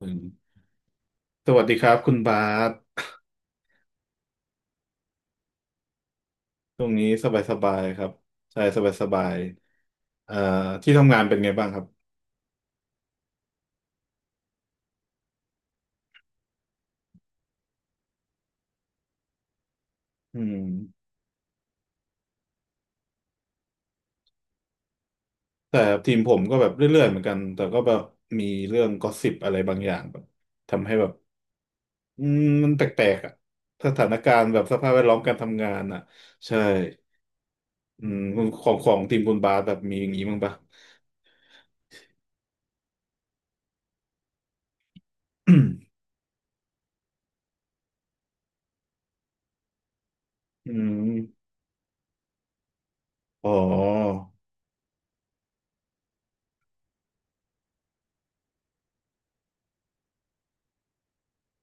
อืมสวัสดีครับคุณบาสช่วงนี้สบายครับใช่สบายเอ่อที่ทำงานเป็นไงบ้างครับอืมแต่ทีมผมก็แบบเรื่อยๆเหมือนกันแต่ก็แบบมีเรื่องกอสซิปอะไรบางอย่างแบบทำให้แบบอืมมันแปลกๆอ่ะสถานการณ์แบบสภาพแวดล้อมการทำงานอ่ะใช่อืมของทีมคุณบาสแบบมีอย่างนี้บ้างปะ อืมอ๋อ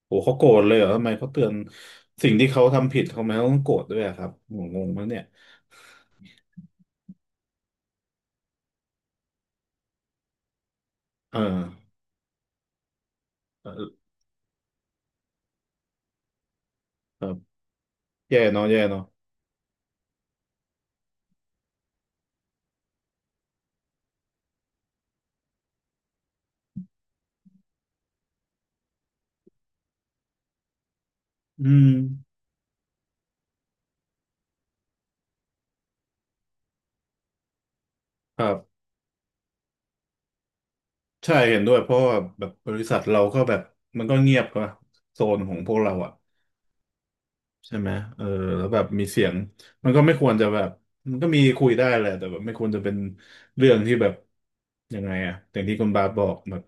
โอ้เขาโกรธเลยเหรอทำไมเขาเตือนสิ่งที่เขาทำผิดทำไมเขาไมต้องโกรธด้วยอะครับงงงมั้งเนี่ยเออเออครับแย่เนาะแย่เนาะอืมครับใช่เห็นด้วยเพราะว่าแบบบริษัทเราก็แบบมันก็เงียบกว่าโซนของพวกเราอะ ใช่ไหมเออแล้วแบบมีเสียงมันก็ไม่ควรจะแบบมันก็มีคุยได้แหละแต่แบบไม่ควรจะเป็นเรื่องที่แบบยังไงอะอย่างที่คุณบาสบอกแบบ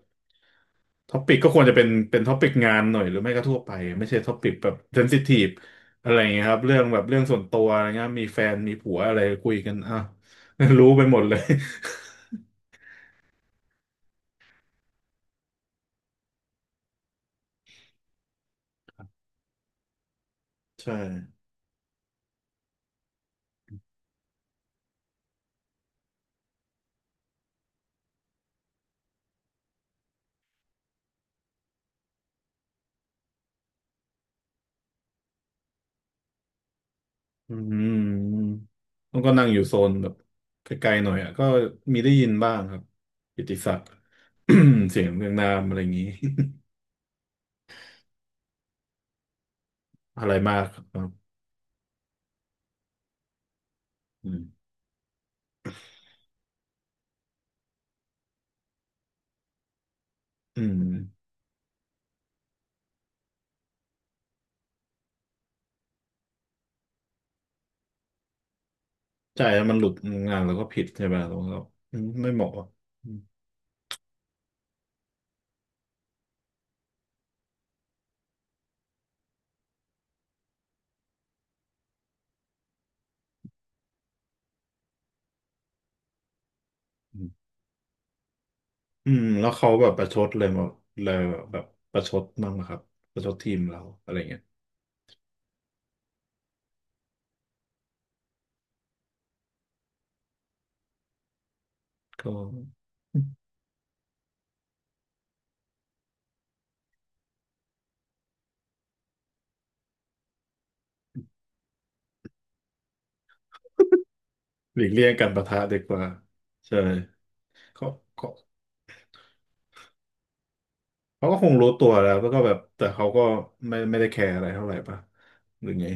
ท็อปิกก็ควรจะเป็นท็อปิกงานหน่อยหรือไม่ก็ทั่วไปไม่ใช่ท็อปิกแบบเซนซิทีฟอะไรอย่างเงี้ยครับเรื่องแบบเรื่องส่วนตัวอะไรเงี้ยมีแฟนมีผัวอะไรคุยกันอ่ะ รู้ไปหมดเลย ใช่ อืมมันก็นั่งอยู่โซนแบบไกลๆหน่อยอ่ะก็มีได้ยินบ้างครับกิตติศักดิ์ เสียงเรียงนามอะไรอย่างนี้ อะไรมากครับอืมอืมใช่แล้วมันหลุดงานแล้วก็ผิดใช่ไหมแล้วก็อืมไม่เหมาะอะอืมอืมอืมแล้วเขาแบบประชดเลยแบบเลยแบบประชดบ้างไหมครับประชดทีมเราอะไรเงี้ยก็หลีกเลี่ยงการปะทะดีกว่าใช่เขา เขาก็คงรู้ตัวแล้วแล้วก็แบบแต่เขาก็ไม่ได้แคร์อะไรเท่าไหร่ป่ะหรือไง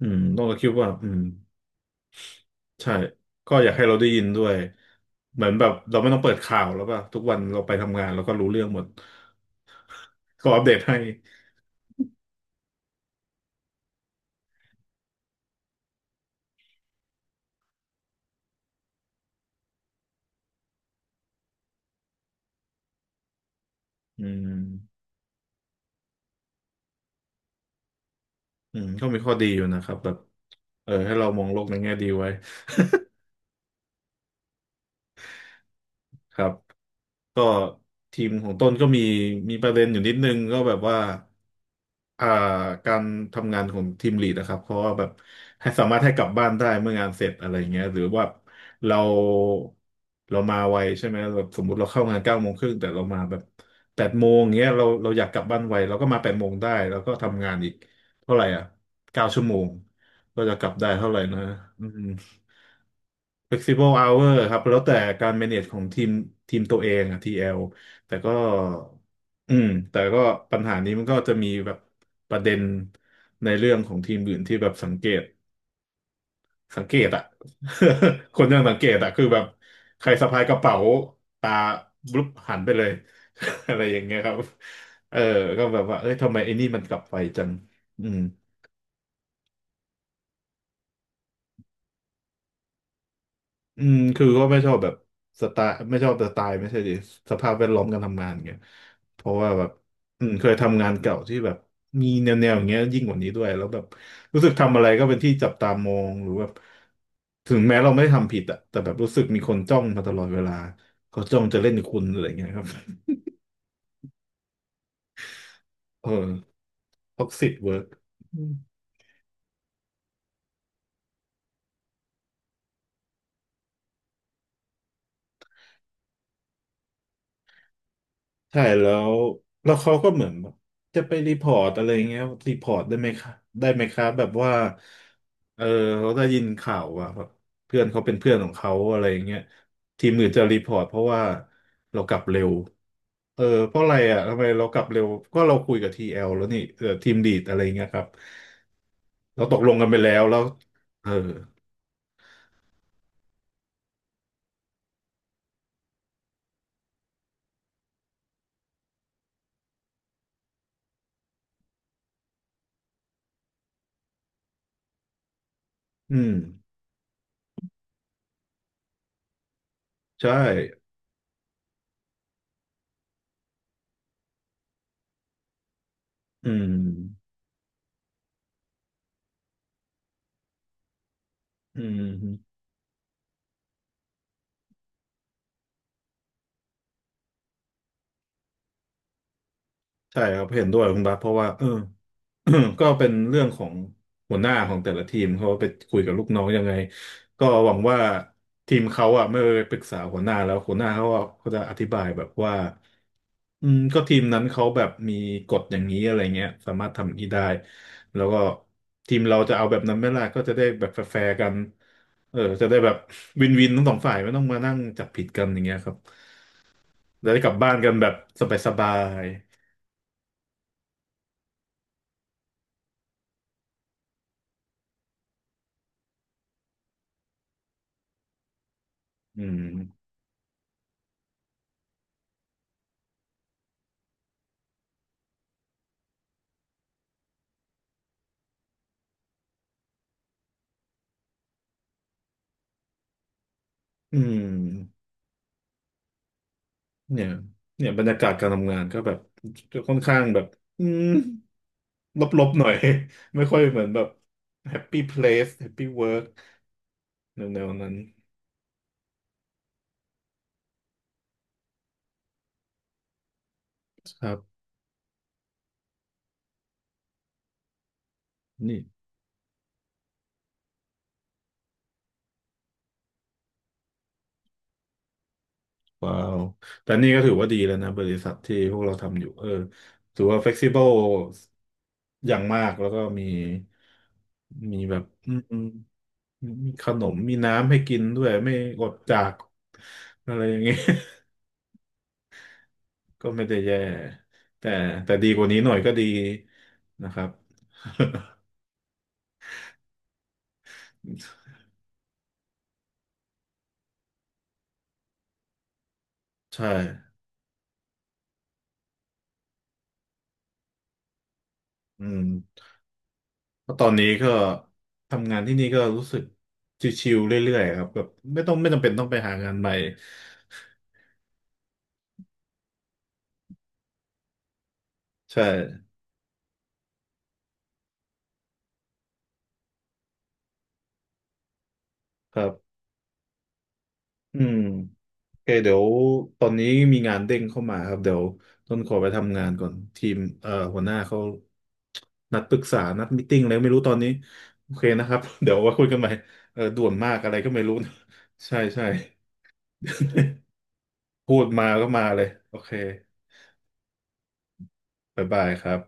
อืมต้องก็คิดว่าอืมใช่ก็อยากให้เราได้ยินด้วยเหมือนแบบเราไม่ต้องเปิดข่าวแล้วป่ะทุกวันเราไปทำงานเราก็รู้เรื่องหมดเขาอัปเดตให้อืมอืมก็มีข้อดีอยู่นะครับแบบเออให้เรามองโลกในแง่ดีไว้ครับก็ทีมของต้นก็มีมีประเด็นอยู่นิดนึงก็แบบว่า อ่าการทำงานของทีมลีดนะครับเพราะว่าแบบให้สามารถให้กลับบ้านได้เมื่องานเสร็จอะไรเงี้ยหรือว่าเราเรามาไวใช่ไหมแบบสมมุติเราเข้างานเก้าโมงครึ่งแต่เรามาแบบแปดโมงเงี้ยเราอยากกลับบ้านไวเราก็มาแปดโมงได้แล้วก็ทำงานอีกเท่าไหร่อ่ะเก้าชั่วโมงก็จะกลับได้เท่าไหร่นะอืม flexible hour ครับแล้วแต่การ manage ของทีมตัวเองอะ TL แอลแต่ก็อืมแต่ก็ปัญหานี้มันก็จะมีแบบประเด็นในเรื่องของทีมอื่นที่แบบสังเกตสังเกตอะ คนยังสังเกตอะคือแบบใครสะพายกระเป๋าตาบลุบหันไปเลย อะไรอย่างเงี้ยครับเออก็แบบว่าเอ้ยทำไมไอ้นี่มันกลับไปจังอืม อืมคือก็ไม่ชอบแบบสไตล์ไม่ชอบสไตล์ไม่ใช่ดิสภาพแวดล้อมการทำงานเงี้ยเพราะว่าแบบอืมเคยทำงานเก่าที่แบบมีแนวอย่างเงี้ยยิ่งกว่านี้ด้วยแล้วแบบรู้สึกทำอะไรก็เป็นที่จับตามองหรือแบบถึงแม้เราไม่ได้ทำผิดอะแต่แบบรู้สึกมีคนจ้องมาตลอดเวลาเขาจ้องจะเล่นคุณอะไรเงี้ยครับ เออท็อกซิกเวิร์ก ใช่แล้วแล้วเขาก็เหมือนแบบจะไปรีพอร์ตอะไรเงี้ยรีพอร์ตได้ไหมคะได้ไหมครับแบบว่าเออเขาได้ยินข่าวว่าแบบเพื่อนเขาเป็นเพื่อนของเขาอะไรเงี้ยทีมอื่นจะรีพอร์ตเพราะว่าเรากลับเร็วเออเพราะอะไรอ่ะทำไมเรากลับเร็วก็เราคุยกับทีเอลแล้วนี่เออทีมลีดอะไรเงี้ยครับเราตกลงกันไปแล้วแล้วเอออืมใช่อืมอืมใช่ครับเห็นด้วยคุณบาสเพราะว่าเออ ก็เป็นเรื่องของหัวหน้าของแต่ละทีมเขาไปคุยกับลูกน้องยังไงก็หวังว่าทีมเขาอ่ะเมื่อปรึกษาหัวหน้าแล้วหัวหน้าเขาอะเขาจะอธิบายแบบว่าอืมก็ทีมนั้นเขาแบบมีกฎอย่างนี้อะไรเงี้ยสามารถทำอย่างนี้ได้แล้วก็ทีมเราจะเอาแบบนั้นไหม่ล่ะก็จะได้แบบแฟร์ๆกันเออจะได้แบบวินวินทั้งสองฝ่ายไม่ต้องมานั่งจับผิดกันอย่างเงี้ยครับจะได้กลับบ้านกันแบบสบายๆอืมอืม เนี่ย เนี่ยบรรยากาศการทำงานก็แบบค่อนข้างแบบอืมลบๆหน่อย ไม่ค่อยเหมือนแบบ Happy Place Happy Work แนวๆนั้นครับนี่ว้าวแต่นี่ก็ถือว่าดีแล้วนะบริษัทที่พวกเราทำอยู่เออถือว่า f l e x i b l e อย่างมากแล้วก็มีมีแบบอืมมีขนมมีน้ำให้กินด้วยไม่อดจากอะไรอย่างเงี้ย ก็ไม่ได้แย่แต่แต่ดีกว่านี้หน่อยก็ดีนะครับ ใช่อืมเพราะตอนนี้ก็ทำงานที่นี่ก็รู้สึกชิวๆเรื่อยๆครับแบบไม่จำเป็นต้องไปหางานใหม่ใช่ครับอืม โอเคเดี๋ยวตอนนี้มีงานเด้งเข้ามาครับเดี๋ยวต้นขอไปทำงานก่อนทีมหัวหน้าเขานัดปรึกษานัดมีตติ้งอะไรไม่รู้ตอนนี้โอเคนะครับ เดี๋ยวไว่าคุยกันใหม่เออด่วนมากอะไรก็ไม่รู้ ใช่ใช่พูดมาก็มาเลยโอเคบ๊ายบายครับ